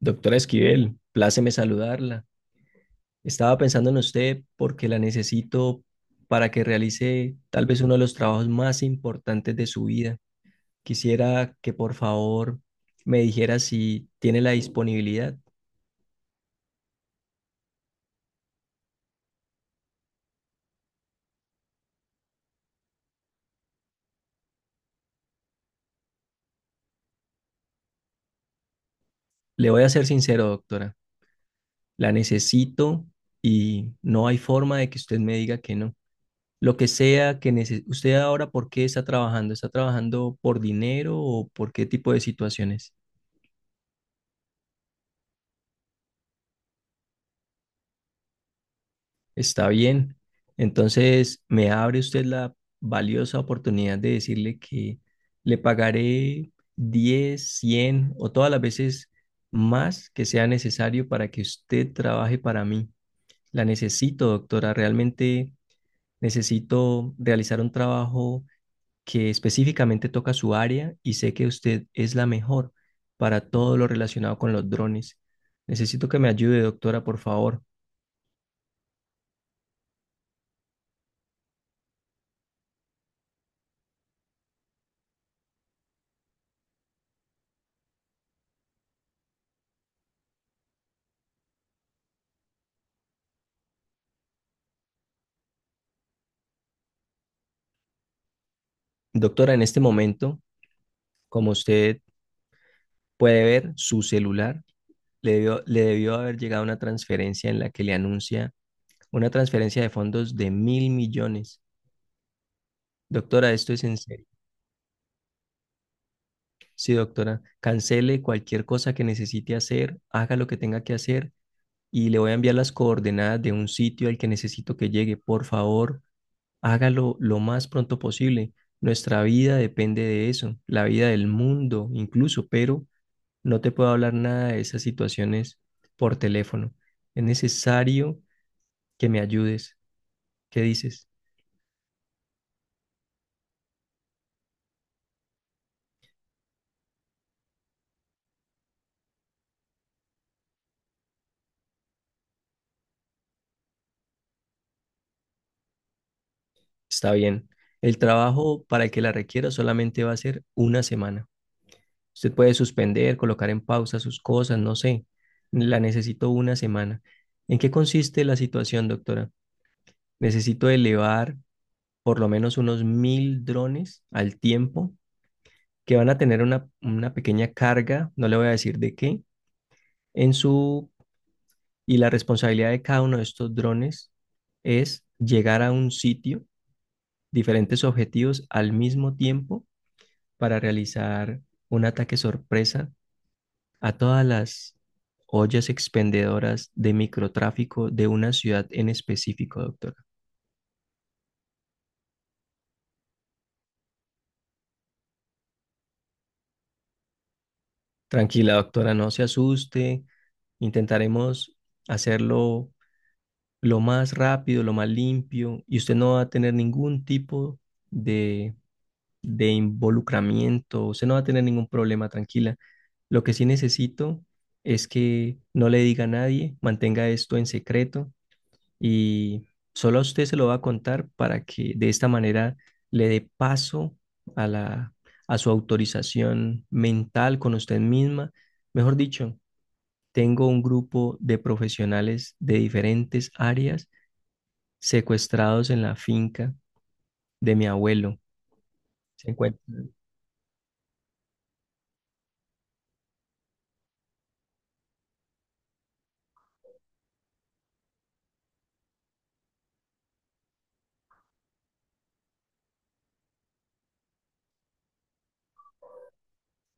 Doctora Esquivel, pláceme saludarla. Estaba pensando en usted porque la necesito para que realice tal vez uno de los trabajos más importantes de su vida. Quisiera que por favor me dijera si tiene la disponibilidad. Le voy a ser sincero, doctora. La necesito y no hay forma de que usted me diga que no. Lo que sea que usted ahora, ¿por qué está trabajando? ¿Está trabajando por dinero o por qué tipo de situaciones? Está bien. Entonces, me abre usted la valiosa oportunidad de decirle que le pagaré 10 100 o todas las veces más que sea necesario para que usted trabaje para mí. La necesito, doctora. Realmente necesito realizar un trabajo que específicamente toca su área y sé que usted es la mejor para todo lo relacionado con los drones. Necesito que me ayude, doctora, por favor. Doctora, en este momento, como usted puede ver su celular. Le debió haber llegado una transferencia en la que le anuncia una transferencia de fondos de 1.000 millones. Doctora, esto es en serio. Sí, doctora, cancele cualquier cosa que necesite hacer, haga lo que tenga que hacer y le voy a enviar las coordenadas de un sitio al que necesito que llegue. Por favor, hágalo lo más pronto posible. Nuestra vida depende de eso, la vida del mundo incluso, pero no te puedo hablar nada de esas situaciones por teléfono. Es necesario que me ayudes. ¿Qué dices? Está bien. El trabajo para el que la requiera solamente va a ser una semana. Usted puede suspender, colocar en pausa sus cosas, no sé. La necesito una semana. ¿En qué consiste la situación, doctora? Necesito elevar por lo menos unos 1.000 drones al tiempo que van a tener una pequeña carga, no le voy a decir de qué, en su. Y la responsabilidad de cada uno de estos drones es llegar a un sitio, diferentes objetivos al mismo tiempo para realizar un ataque sorpresa a todas las ollas expendedoras de microtráfico de una ciudad en específico, doctora. Tranquila, doctora, no se asuste. Intentaremos hacerlo lo más rápido, lo más limpio, y usted no va a tener ningún tipo de de involucramiento, usted no va a tener ningún problema, tranquila. Lo que sí necesito es que no le diga a nadie, mantenga esto en secreto y solo a usted se lo va a contar para que de esta manera le dé paso a la, a su autorización mental con usted misma. Mejor dicho, tengo un grupo de profesionales de diferentes áreas secuestrados en la finca de mi abuelo. Se encuentran.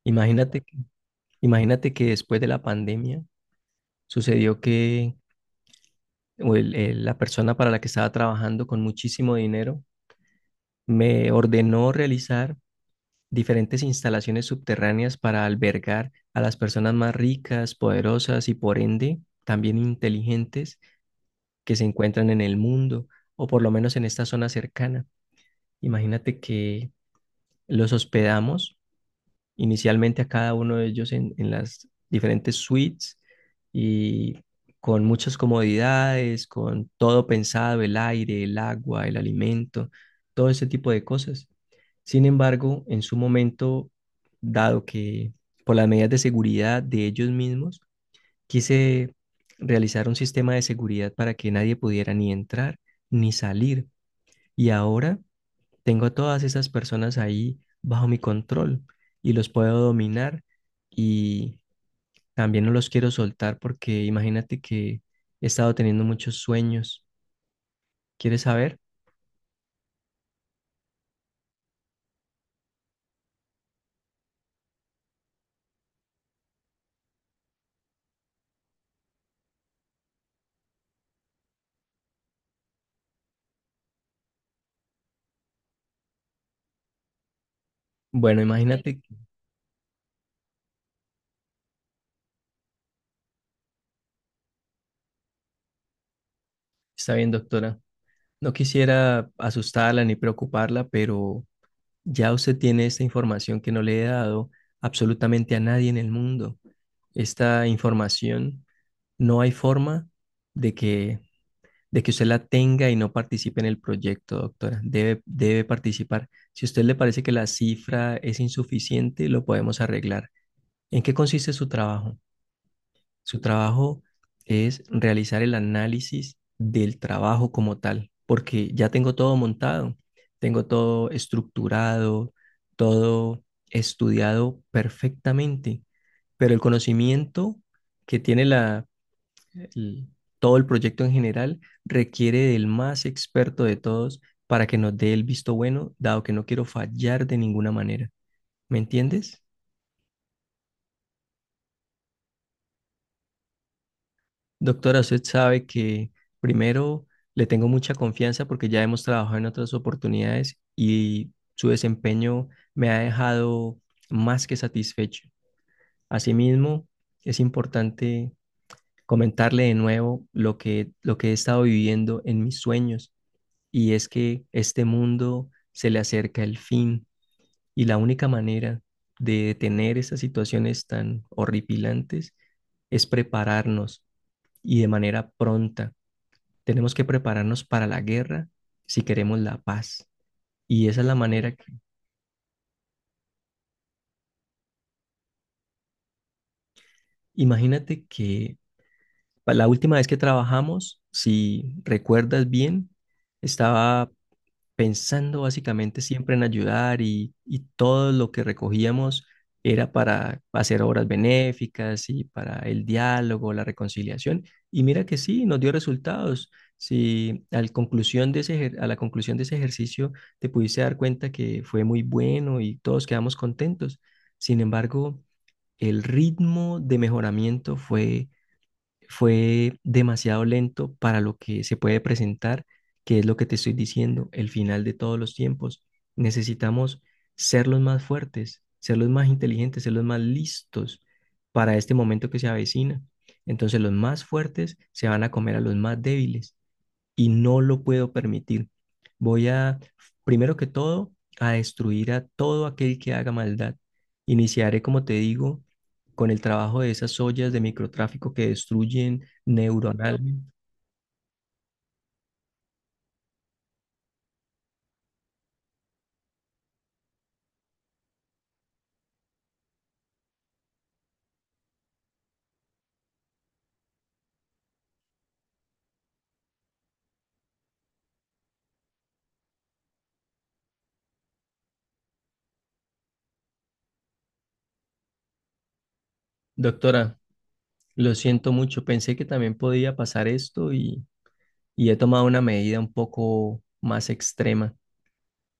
Imagínate Imagínate que después de la pandemia sucedió que la persona para la que estaba trabajando con muchísimo dinero me ordenó realizar diferentes instalaciones subterráneas para albergar a las personas más ricas, poderosas y por ende también inteligentes que se encuentran en el mundo o por lo menos en esta zona cercana. Imagínate que los hospedamos inicialmente a cada uno de ellos en las diferentes suites y con muchas comodidades, con todo pensado, el aire, el agua, el alimento, todo ese tipo de cosas. Sin embargo, en su momento, dado que por las medidas de seguridad de ellos mismos, quise realizar un sistema de seguridad para que nadie pudiera ni entrar ni salir. Y ahora tengo a todas esas personas ahí bajo mi control y los puedo dominar y también no los quiero soltar porque imagínate que he estado teniendo muchos sueños. ¿Quieres saber? Bueno, imagínate, está bien, doctora. No quisiera asustarla ni preocuparla, pero ya usted tiene esta información que no le he dado absolutamente a nadie en el mundo. Esta información no hay forma de que de que usted la tenga y no participe en el proyecto, doctora. Debe participar. Si a usted le parece que la cifra es insuficiente, lo podemos arreglar. ¿En qué consiste su trabajo? Su trabajo es realizar el análisis del trabajo como tal, porque ya tengo todo montado, tengo todo estructurado, todo estudiado perfectamente, pero el conocimiento que tiene l- todo el proyecto en general requiere del más experto de todos para que nos dé el visto bueno, dado que no quiero fallar de ninguna manera. ¿Me entiendes? Doctora, usted sabe que primero le tengo mucha confianza porque ya hemos trabajado en otras oportunidades y su desempeño me ha dejado más que satisfecho. Asimismo, es importante comentarle de nuevo lo que he estado viviendo en mis sueños y es que este mundo se le acerca el fin y la única manera de detener esas situaciones tan horripilantes es prepararnos y de manera pronta. Tenemos que prepararnos para la guerra si queremos la paz. Y esa es la manera que, imagínate que la última vez que trabajamos, si recuerdas bien, estaba pensando básicamente siempre en ayudar y todo lo que recogíamos era para hacer obras benéficas y para el diálogo, la reconciliación. Y mira que sí, nos dio resultados. Si al conclusión de ese, ejer- A la conclusión de ese ejercicio te pudiste dar cuenta que fue muy bueno y todos quedamos contentos. Sin embargo, el ritmo de mejoramiento fue fue demasiado lento para lo que se puede presentar, que es lo que te estoy diciendo, el final de todos los tiempos. Necesitamos ser los más fuertes, ser los más inteligentes, ser los más listos para este momento que se avecina. Entonces los más fuertes se van a comer a los más débiles y no lo puedo permitir. Voy a, primero que todo, a destruir a todo aquel que haga maldad. Iniciaré, como te digo, con el trabajo de esas ollas de microtráfico que destruyen neuronalmente. Doctora, lo siento mucho, pensé que también podía pasar esto y he tomado una medida un poco más extrema.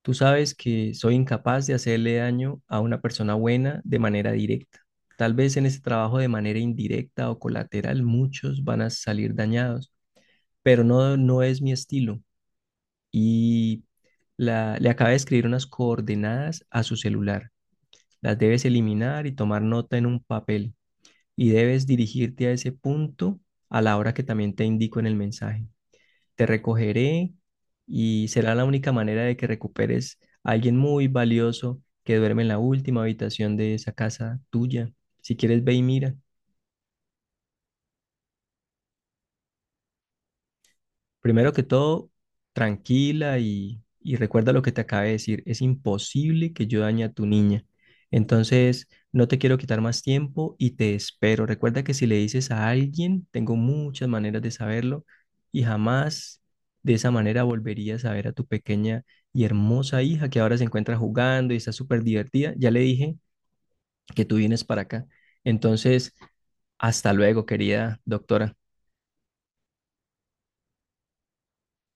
Tú sabes que soy incapaz de hacerle daño a una persona buena de manera directa. Tal vez en ese trabajo de manera indirecta o colateral muchos van a salir dañados, pero no, no es mi estilo. Y le acabé de escribir unas coordenadas a su celular. Las debes eliminar y tomar nota en un papel. Y debes dirigirte a ese punto a la hora que también te indico en el mensaje. Te recogeré y será la única manera de que recuperes a alguien muy valioso que duerme en la última habitación de esa casa tuya. Si quieres, ve y mira. Primero que todo, tranquila y recuerda lo que te acabé de decir. Es imposible que yo dañe a tu niña. Entonces, no te quiero quitar más tiempo y te espero. Recuerda que si le dices a alguien, tengo muchas maneras de saberlo y jamás de esa manera volverías a ver a tu pequeña y hermosa hija que ahora se encuentra jugando y está súper divertida. Ya le dije que tú vienes para acá. Entonces, hasta luego, querida doctora.